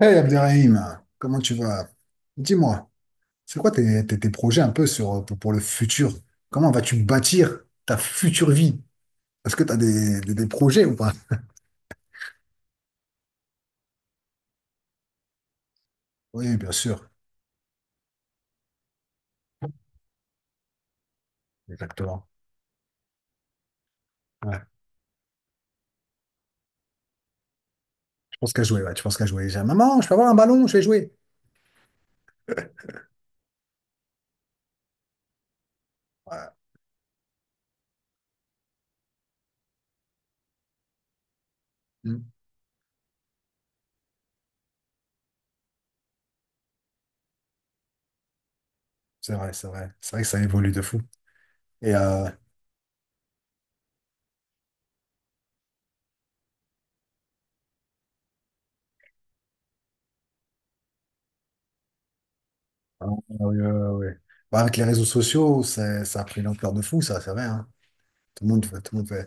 Hey Abderrahim, comment tu vas? Dis-moi, c'est quoi tes projets un peu pour le futur? Comment vas-tu bâtir ta future vie? Est-ce que tu as des projets ou pas? Oui, bien sûr, exactement. Ouais. Je pense qu'à jouer, ouais, tu penses qu'à jouer. Maman, je peux avoir un ballon, je vais jouer. Ouais. Mm. C'est vrai, c'est vrai. C'est vrai que ça évolue de fou. Et ouais, ouais, ouais, ouais. Bah, avec les réseaux sociaux, ça a pris l'ampleur de fou, ça, c'est vrai, hein. Tout le monde fait.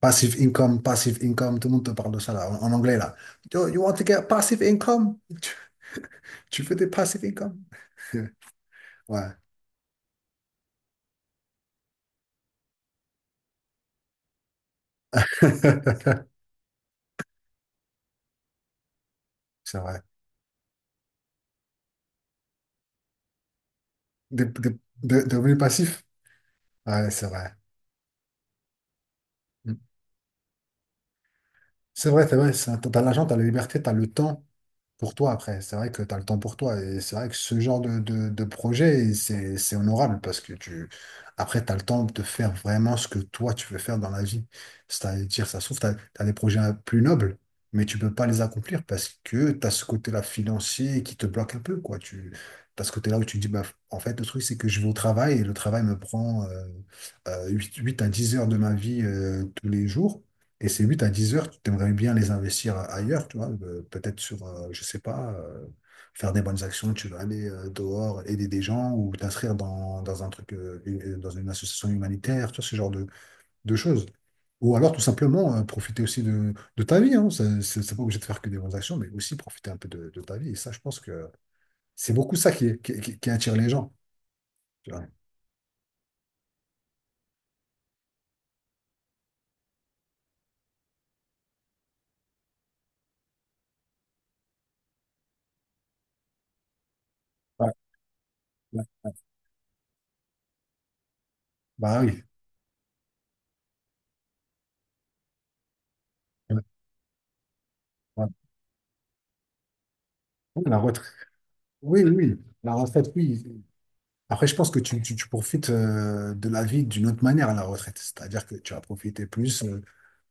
Passive income, tout le monde te parle de ça là, en anglais là. Yo, you want to get passive income? Tu veux des passive income? Ouais, c'est vrai. Des, des- de revenus passifs? Ouais, c'est vrai. Mm. C'est vrai, t'as l'argent, t'as la liberté, t'as le temps pour toi après. C'est vrai que t'as le temps pour toi. Et c'est vrai que ce genre de projet, c'est honorable parce que après, t'as le temps de faire vraiment ce que toi, tu veux faire dans la vie. C'est-à-dire, ça se trouve, t'as des projets plus nobles, mais tu peux pas les accomplir parce que t'as ce côté-là financier qui te bloque un peu, quoi. T'as ce côté-là où tu te dis, bah, en fait, le truc, c'est que je vais au travail et le travail me prend 8 à 10 heures de ma vie tous les jours. Et ces 8 à 10 heures, tu aimerais bien les investir ailleurs, tu vois, peut-être sur, je sais pas, faire des bonnes actions, tu vas aller dehors, aider des gens ou t'inscrire dans un truc, dans une association humanitaire, tu vois, ce genre de choses. Ou alors tout simplement profiter aussi de ta vie, hein. C'est pas obligé de faire que des bonnes actions, mais aussi profiter un peu de ta vie. Et ça, je pense que c'est beaucoup ça qui attire les gens, tu vois. Ouais, ouais, ouais. Bah oui. Ouais. Ouais, ouais, la retraite. Oui, oui, oui, la retraite, oui. Après, je pense que tu profites de la vie d'une autre manière à la retraite. C'est-à-dire que tu vas profiter plus.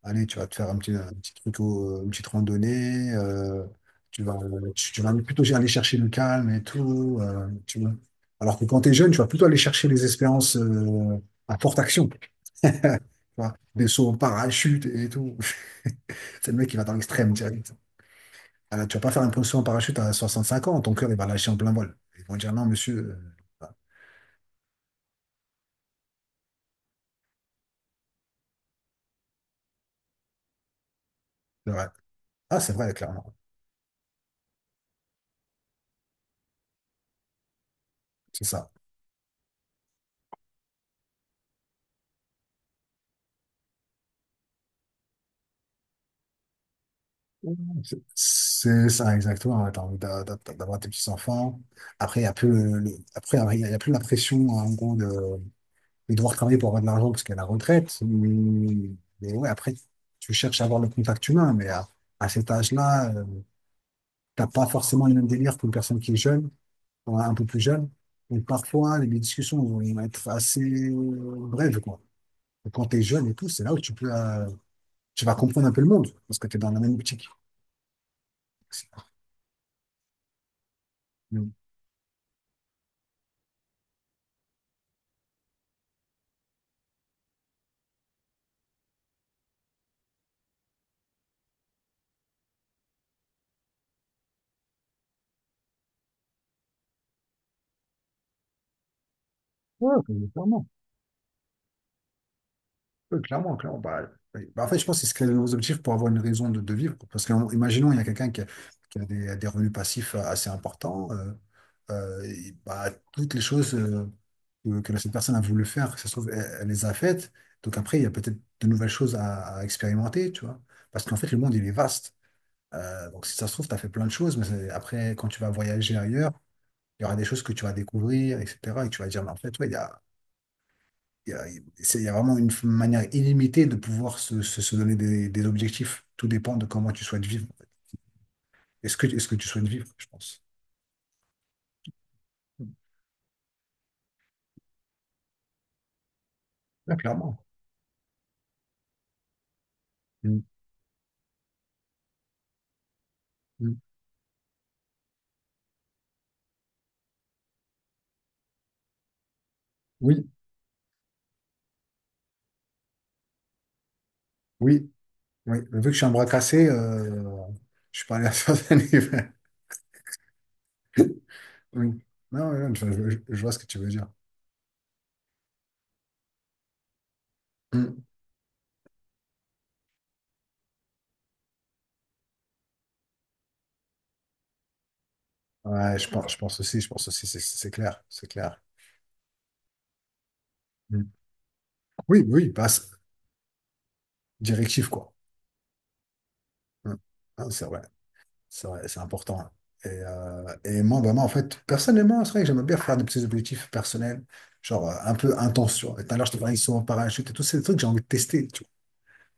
Allez, tu vas te faire un petit truc, une petite randonnée. Tu vas, tu vas plutôt aller chercher le calme et tout, tu vois. Alors que quand tu es jeune, tu vas plutôt aller chercher les espérances à forte action, tu vois. Des sauts en parachute et tout. C'est le mec qui va dans l'extrême direct. Alors, tu vas pas faire un saut en parachute à 65 ans. Ton cœur, il va lâcher en plein vol. Ils vont dire non, monsieur. Voilà. C'est vrai. Ah, c'est vrai, clairement. C'est ça. C'est c'est ça, exactement. Ouais, t'as envie d'avoir tes petits-enfants. Après, il n'y a plus après, il y a plus la pression, en gros, de devoir travailler pour avoir de l'argent parce qu'il y a la retraite. Mais ouais, après, tu cherches à avoir le contact humain. Mais à cet âge-là, t'as pas forcément le même délire qu'une personne qui est jeune, ou un peu plus jeune. Donc, parfois, les discussions vont être assez brèves, quoi. Et quand t'es jeune et tout, c'est là où tu peux, tu vas comprendre un peu le monde parce que t'es dans la même optique. Ouais, clairement, clairement. Ouais, clairement, clairement. Bah, ouais. Bah, en fait, je pense que c'est se créer de nouveaux objectifs pour avoir une raison de vivre. Parce que, imaginons, il y a quelqu'un qui a, des revenus passifs assez importants. Et, bah, toutes les choses que cette personne a voulu faire, que ça se trouve, elle les a faites. Donc après, il y a peut-être de nouvelles choses à expérimenter, tu vois. Parce qu'en fait, le monde, il est vaste. Donc si ça se trouve, tu as fait plein de choses, mais après, quand tu vas voyager ailleurs, il y aura des choses que tu vas découvrir, etc. Et tu vas dire, mais en fait, ouais, il y a, il y a vraiment une manière illimitée de pouvoir se donner des objectifs. Tout dépend de comment tu souhaites vivre. Est-ce que tu souhaites vivre, je pense. Ouais, clairement. Mm, mm. Oui, oui, oui. Vu que je suis un bras cassé, je suis pas allé à certains niveaux. Oui. Non, non, je vois ce que tu veux dire. Mm. Ouais, je pense aussi, c'est clair, c'est clair. Mm. Oui, oui, passe directif, quoi. Mm. Ah, c'est vrai. C'est vrai, c'est important, hein. Et moi, vraiment, en fait, personnellement, c'est vrai que j'aime bien faire des petits objectifs personnels, genre un peu intenses, tu vois. Et tout à l'heure, je te parlais, ils sont en parachute et tous ces trucs que j'ai envie de tester. Tu vois.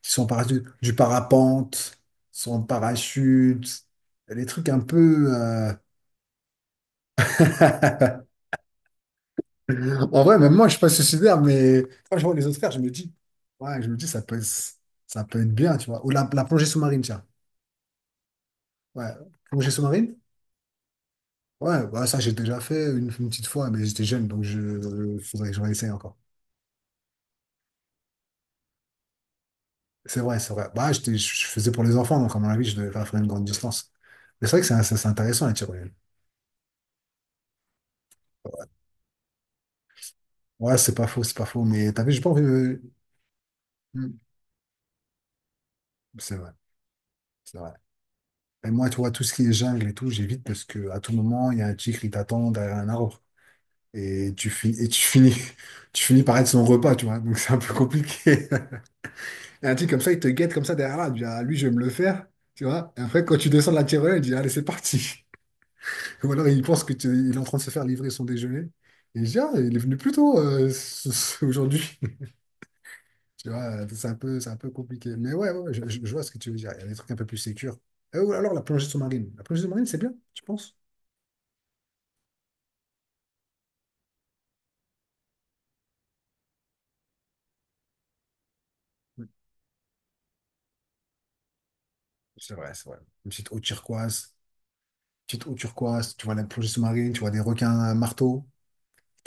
Ils sont en parachute, du parapente, ils sont en parachute, les trucs un peu. En vrai, même moi, je suis pas suicidaire, mais quand je vois les autres faire, je me dis, ouais, je me dis, ça peut être bien, tu vois. Ou la plongée sous-marine, tiens. Ouais, plongée sous-marine. Ouais, bah ça j'ai déjà fait une petite fois, mais j'étais jeune, donc je faudrait que je réessaye encore. C'est vrai, c'est vrai. Bah je faisais pour les enfants, donc à mon avis, je devais pas faire une grande distance. Mais c'est vrai que c'est intéressant la tyrolienne. Ouais, c'est pas faux, c'est pas faux. Mais t'as vu, j'ai pas envie de. Hmm. C'est vrai, c'est vrai. Et moi, tu vois, tout ce qui est jungle et tout, j'évite parce que à tout moment, il y a un tigre qui t'attend derrière un arbre. Et tu finis tu finis par être son repas, tu vois. Donc c'est un peu compliqué. Et un type comme ça, il te guette comme ça derrière là. Il dit, ah, lui, je vais me le faire. Tu vois? Et après, quand tu descends de la tirelire, il dit, allez, c'est parti. Ou alors, il pense que il est en train de se faire livrer son déjeuner. Et il dit ah, il est venu plus tôt aujourd'hui. Tu vois, c'est un peu compliqué. Mais ouais, ouais, ouais, je vois ce que tu veux dire. Il y a des trucs un peu plus sécures. Ou alors, la plongée sous-marine. La plongée sous-marine, c'est bien, tu penses? Oui. C'est vrai, c'est vrai. Une petite eau turquoise. Petite eau turquoise. Tu vois la plongée sous-marine, tu vois des requins à marteau.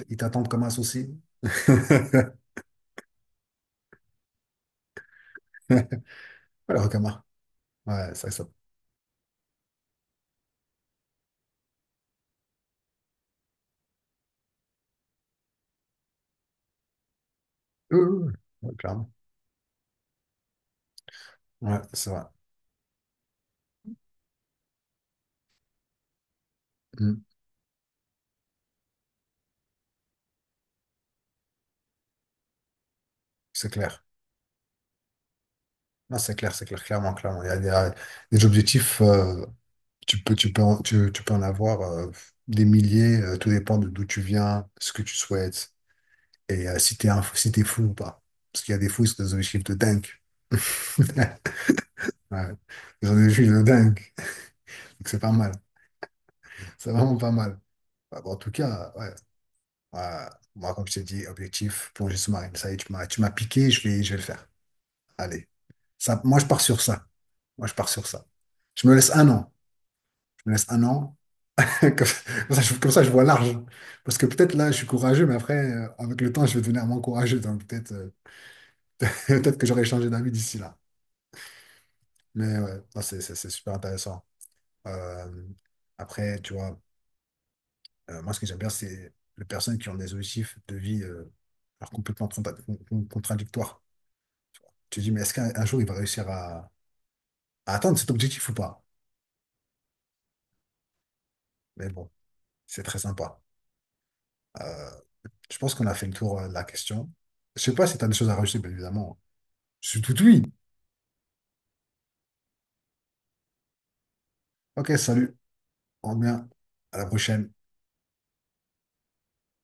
Ils t'attendent comme un souci. Voilà, requin-mare. Ouais, ça. Oui, oui, oui, clairement. Ouais, c'est vrai. Mm, c'est clair. Non, c'est clair, clairement, clairement. Il y a des objectifs, tu peux en, tu peux en avoir des milliers, tout dépend de d'où tu viens, ce que tu souhaites, et si t'es si t'es fou ou pas. Parce qu'il y a des fous, c'est des objectifs de dingue. Ouais, j'en ai vu de dingue. Donc c'est pas mal. C'est vraiment pas mal. Bah, bon, en tout cas, ouais, ouais, moi, comme je t'ai dit, objectif, plongée sous-marine. Ça y est, tu m'as piqué, je vais le faire. Allez. Ça, moi, je pars sur ça. Moi, je pars sur ça. Je me laisse 1 an. Je me laisse un an. Comme ça, comme ça, je vois large. Parce que peut-être là, je suis courageux, mais après, avec le temps, je vais devenir moins courageux. Donc peut-être peut-être que j'aurai changé d'avis d'ici là. Mais ouais, non, c'est super intéressant. Euh, Après, tu vois, moi, ce que j'aime bien, c'est les personnes qui ont des objectifs de vie alors complètement contradictoires. Tu te dis, mais est-ce qu'un jour, il va réussir à, atteindre cet objectif ou pas? Mais bon, c'est très sympa. Euh, Je pense qu'on a fait le tour de la question. Je sais pas si tu as des choses à rajouter, bien évidemment. Je suis tout oui. Ok, salut. On revient. À la prochaine.